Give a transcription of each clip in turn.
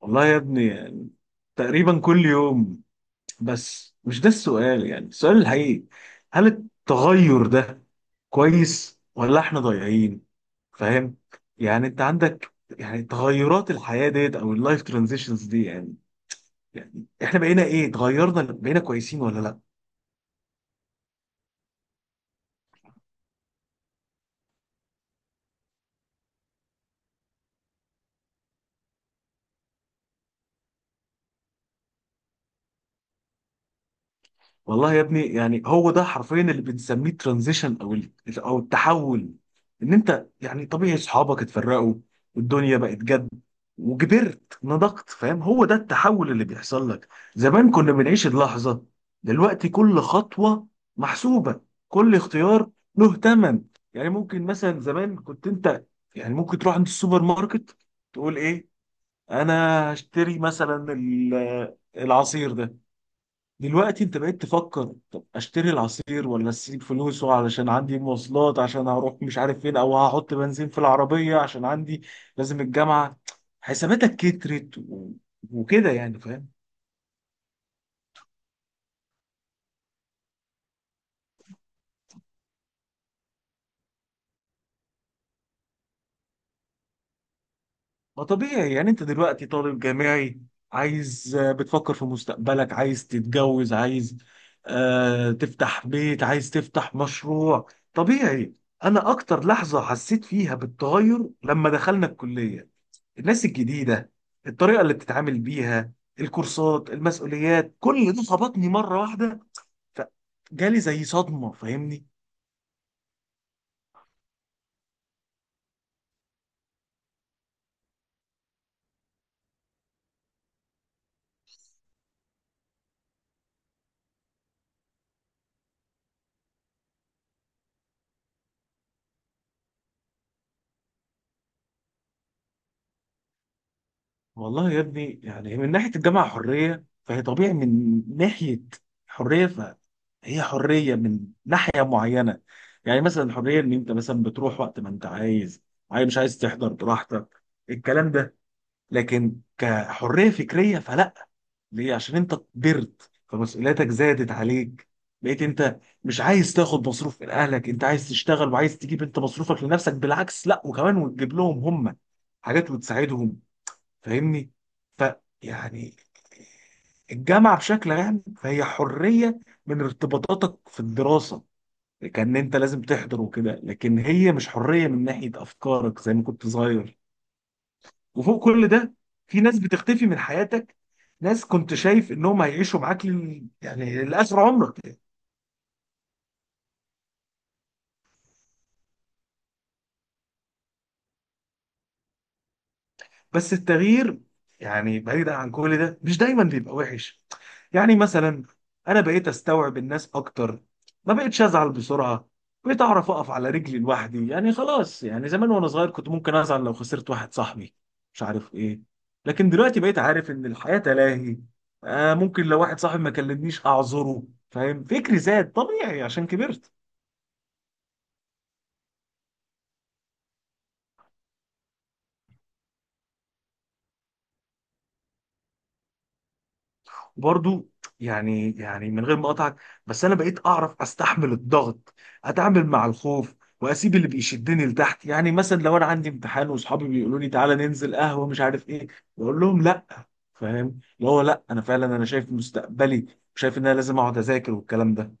والله يا ابني يعني تقريبا كل يوم. بس مش ده السؤال، يعني السؤال الحقيقي: هل التغير ده كويس ولا احنا ضايعين؟ فاهم يعني، انت عندك يعني تغيرات الحياة ديت او اللايف ترانزيشنز دي، يعني يعني احنا بقينا ايه؟ اتغيرنا، بقينا كويسين ولا لا؟ والله يا ابني، يعني هو ده حرفيا اللي بنسميه ترانزيشن او او التحول. ان انت يعني طبيعي صحابك اتفرقوا والدنيا بقت جد وكبرت نضجت، فاهم؟ هو ده التحول اللي بيحصل لك. زمان كنا بنعيش اللحظة، دلوقتي كل خطوة محسوبة، كل اختيار له ثمن. يعني ممكن مثلا زمان كنت انت يعني ممكن تروح عند السوبر ماركت، تقول ايه، انا هشتري مثلا العصير ده. دلوقتي انت بقيت تفكر طب اشتري العصير ولا اسيب فلوسه علشان عندي مواصلات عشان هروح مش عارف فين، او هحط بنزين في العربية عشان عندي لازم الجامعة. حساباتك كترت وكده يعني، فاهم؟ ما طبيعي، يعني انت دلوقتي طالب جامعي عايز، آه، بتفكر في مستقبلك، عايز تتجوز، عايز آه تفتح بيت، عايز تفتح مشروع. طبيعي. انا اكتر لحظة حسيت فيها بالتغير لما دخلنا الكلية، الناس الجديدة، الطريقة اللي بتتعامل بيها، الكورسات، المسؤوليات، كل ده خبطني مرة واحدة، فجالي زي صدمة، فاهمني؟ والله يا ابني، يعني من ناحية الجامعة حرية فهي طبيعي، من ناحية حرية فهي حرية من ناحية معينة. يعني مثلا الحرية ان انت مثلا بتروح وقت ما انت عايز، عايز مش عايز تحضر براحتك، الكلام ده. لكن كحرية فكرية فلا. ليه؟ عشان انت كبرت فمسؤولياتك زادت عليك، بقيت انت مش عايز تاخد مصروف من اهلك، انت عايز تشتغل وعايز تجيب انت مصروفك لنفسك، بالعكس لا وكمان وتجيب لهم هم حاجات وتساعدهم، فاهمني؟ ف يعني الجامعة بشكل عام فهي حرية من ارتباطاتك في الدراسة، كان انت لازم تحضر وكده، لكن هي مش حرية من ناحية افكارك زي ما كنت صغير. وفوق كل ده في ناس بتختفي من حياتك، ناس كنت شايف انهم هيعيشوا معاك يعني لاخر عمرك. بس التغيير يعني بعيدا عن كل ده مش دايما بيبقى وحش. يعني مثلا انا بقيت استوعب الناس اكتر، ما بقتش ازعل بسرعه، بقيت اعرف اقف على رجلي لوحدي. يعني خلاص، يعني زمان وانا صغير كنت ممكن ازعل لو خسرت واحد صاحبي مش عارف ايه، لكن دلوقتي بقيت عارف ان الحياه تلاهي. آه ممكن لو واحد صاحبي ما كلمنيش اعذره. فاهم؟ فكري زاد طبيعي عشان كبرت. برضو يعني، من غير ما اقطعك، بس انا بقيت اعرف استحمل الضغط، اتعامل مع الخوف، واسيب اللي بيشدني لتحت. يعني مثلا لو انا عندي امتحان واصحابي بيقولوا لي تعالى ننزل قهوه مش عارف ايه، بقول لهم لا. فاهم؟ اللي هو لا، انا فعلا انا شايف مستقبلي وشايف ان انا لازم اقعد اذاكر والكلام ده.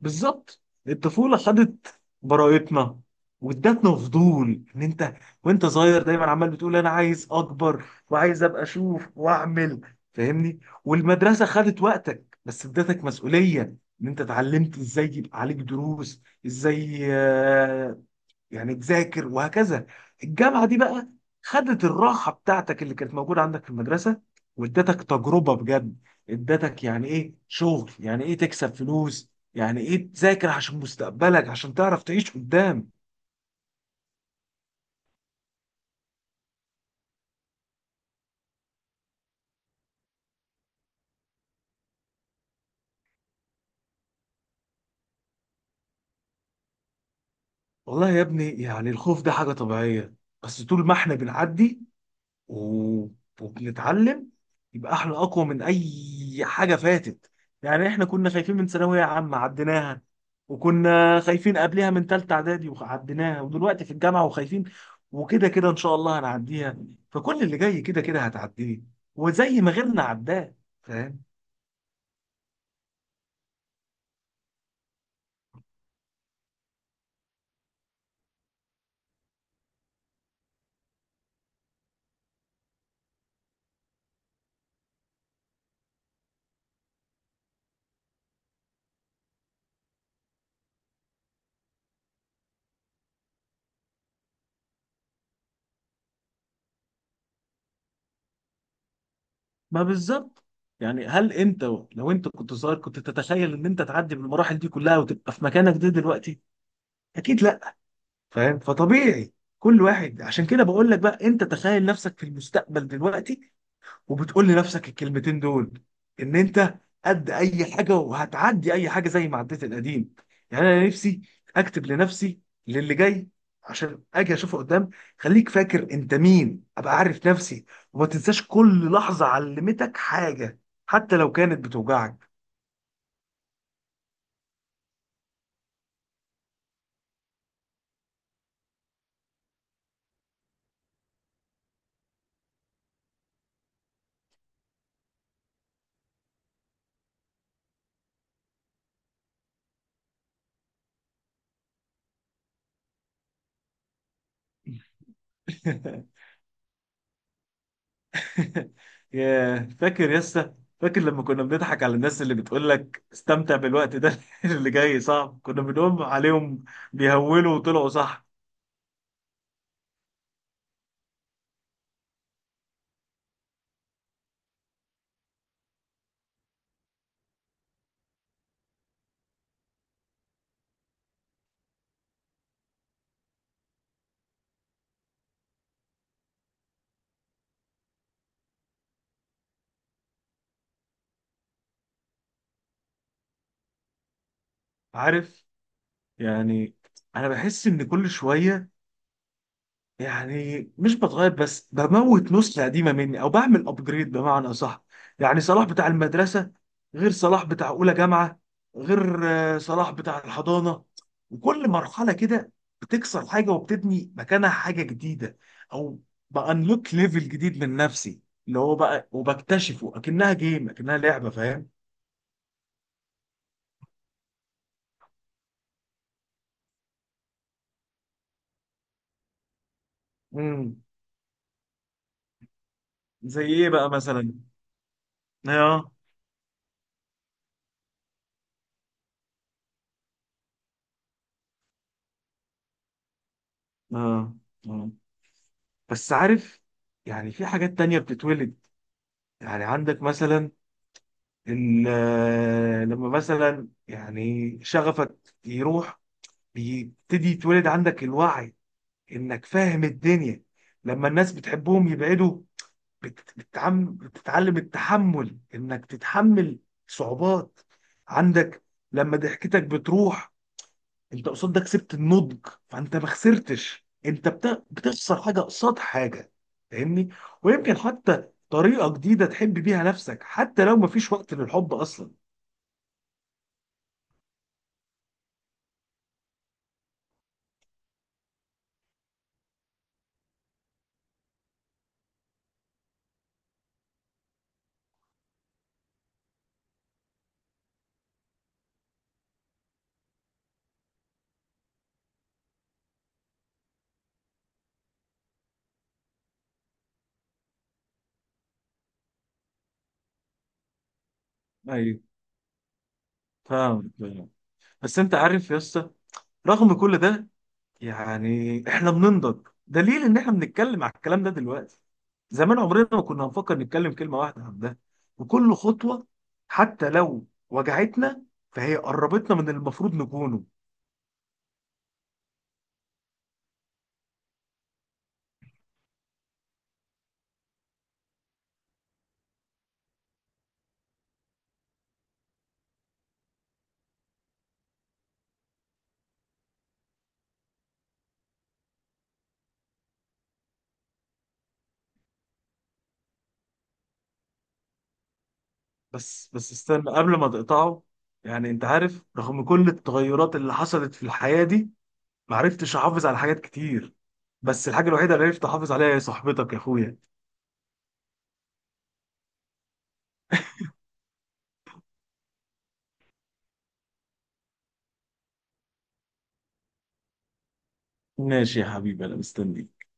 بالظبط، الطفولة خدت براءتنا وادتنا فضول، ان انت وانت صغير دايما عمال بتقول انا عايز اكبر وعايز ابقى اشوف واعمل، فاهمني؟ والمدرسة خدت وقتك بس ادتك مسؤولية، ان انت اتعلمت ازاي يبقى عليك دروس، ازاي آه، يعني تذاكر، وهكذا. الجامعه دي بقى خدت الراحه بتاعتك اللي كانت موجوده عندك في المدرسه، وادتك تجربه بجد. ادتك يعني ايه شغل، يعني ايه تكسب فلوس، يعني ايه تذاكر عشان مستقبلك عشان تعرف تعيش قدام. والله يا ابني يعني الخوف ده حاجه طبيعيه، بس طول ما احنا بنعدي و- وبنتعلم، يبقى احنا اقوى من اي حاجه فاتت. يعني احنا كنا خايفين من ثانويه عامه عديناها، وكنا خايفين قبلها من ثالثه اعدادي وعديناها، ودلوقتي في الجامعه وخايفين، وكده كده ان شاء الله هنعديها. فكل اللي جاي كده كده هتعديه، وزي ما غيرنا عداه، فاهم؟ ما بالظبط. يعني هل انت لو انت كنت صغير كنت تتخيل ان انت تعدي بالمراحل دي كلها وتبقى في مكانك ده دلوقتي؟ اكيد لا. فاهم؟ فطبيعي. كل واحد، عشان كده بقول لك بقى انت تخيل نفسك في المستقبل دلوقتي، وبتقول لنفسك الكلمتين دول، ان انت قد اي حاجه وهتعدي اي حاجه زي ما عديت القديم. يعني انا نفسي اكتب لنفسي للي جاي عشان اجي اشوفه قدام. خليك فاكر انت مين، ابقى عارف نفسي، وما تنساش كل لحظه علمتك حاجه حتى لو كانت بتوجعك. يا فاكر يسا، فاكر لما كنا بنضحك على الناس اللي بتقول لك استمتع بالوقت ده؟ اللي جاي صعب، كنا بنقوم عليهم، بيهولوا، وطلعوا صح. عارف؟ يعني انا بحس ان كل شويه، يعني مش بتغير بس بموت نسخة قديمة مني او بعمل ابجريد بمعنى صح. يعني صلاح بتاع المدرسة غير صلاح بتاع اولى جامعة، غير آه، صلاح بتاع الحضانة. وكل مرحلة كده بتكسر حاجة وبتبني مكانها حاجة جديدة، او بانلوك ليفل جديد من نفسي، اللي هو بقى وبكتشفه اكنها جيم، اكنها لعبة، فاهم؟ امم زي ايه بقى مثلا؟ اه. اه، آه. بس عارف، يعني في حاجات تانية بتتولد. يعني عندك مثلا لما مثلا يعني شغفك يروح، بيبتدي يتولد عندك الوعي انك فاهم الدنيا. لما الناس بتحبهم يبعدوا، بتتعلم التحمل، انك تتحمل صعوبات عندك. لما ضحكتك بتروح، انت قصاد ده كسبت النضج، فانت ما خسرتش، انت بتخسر حاجه قصاد حاجه، فاهمني؟ ويمكن حتى طريقه جديده تحب بيها نفسك، حتى لو ما فيش وقت للحب اصلا. ايوه، فاهم فاهم. بس انت عارف يا اسطى، رغم كل ده يعني احنا بننضج، دليل ان احنا بنتكلم على الكلام ده دلوقتي. زمان عمرنا ما كنا هنفكر نتكلم كلمه واحده عن ده. وكل خطوه حتى لو وجعتنا فهي قربتنا من اللي المفروض نكونه. بس استنى قبل ما تقطعه. يعني انت عارف، رغم كل التغيرات اللي حصلت في الحياة دي ما عرفتش احافظ على حاجات كتير، بس الحاجة الوحيدة اللي عرفت احافظ عليها هي صاحبتك يا اخويا. ماشي يا حبيبي، انا مستنيك.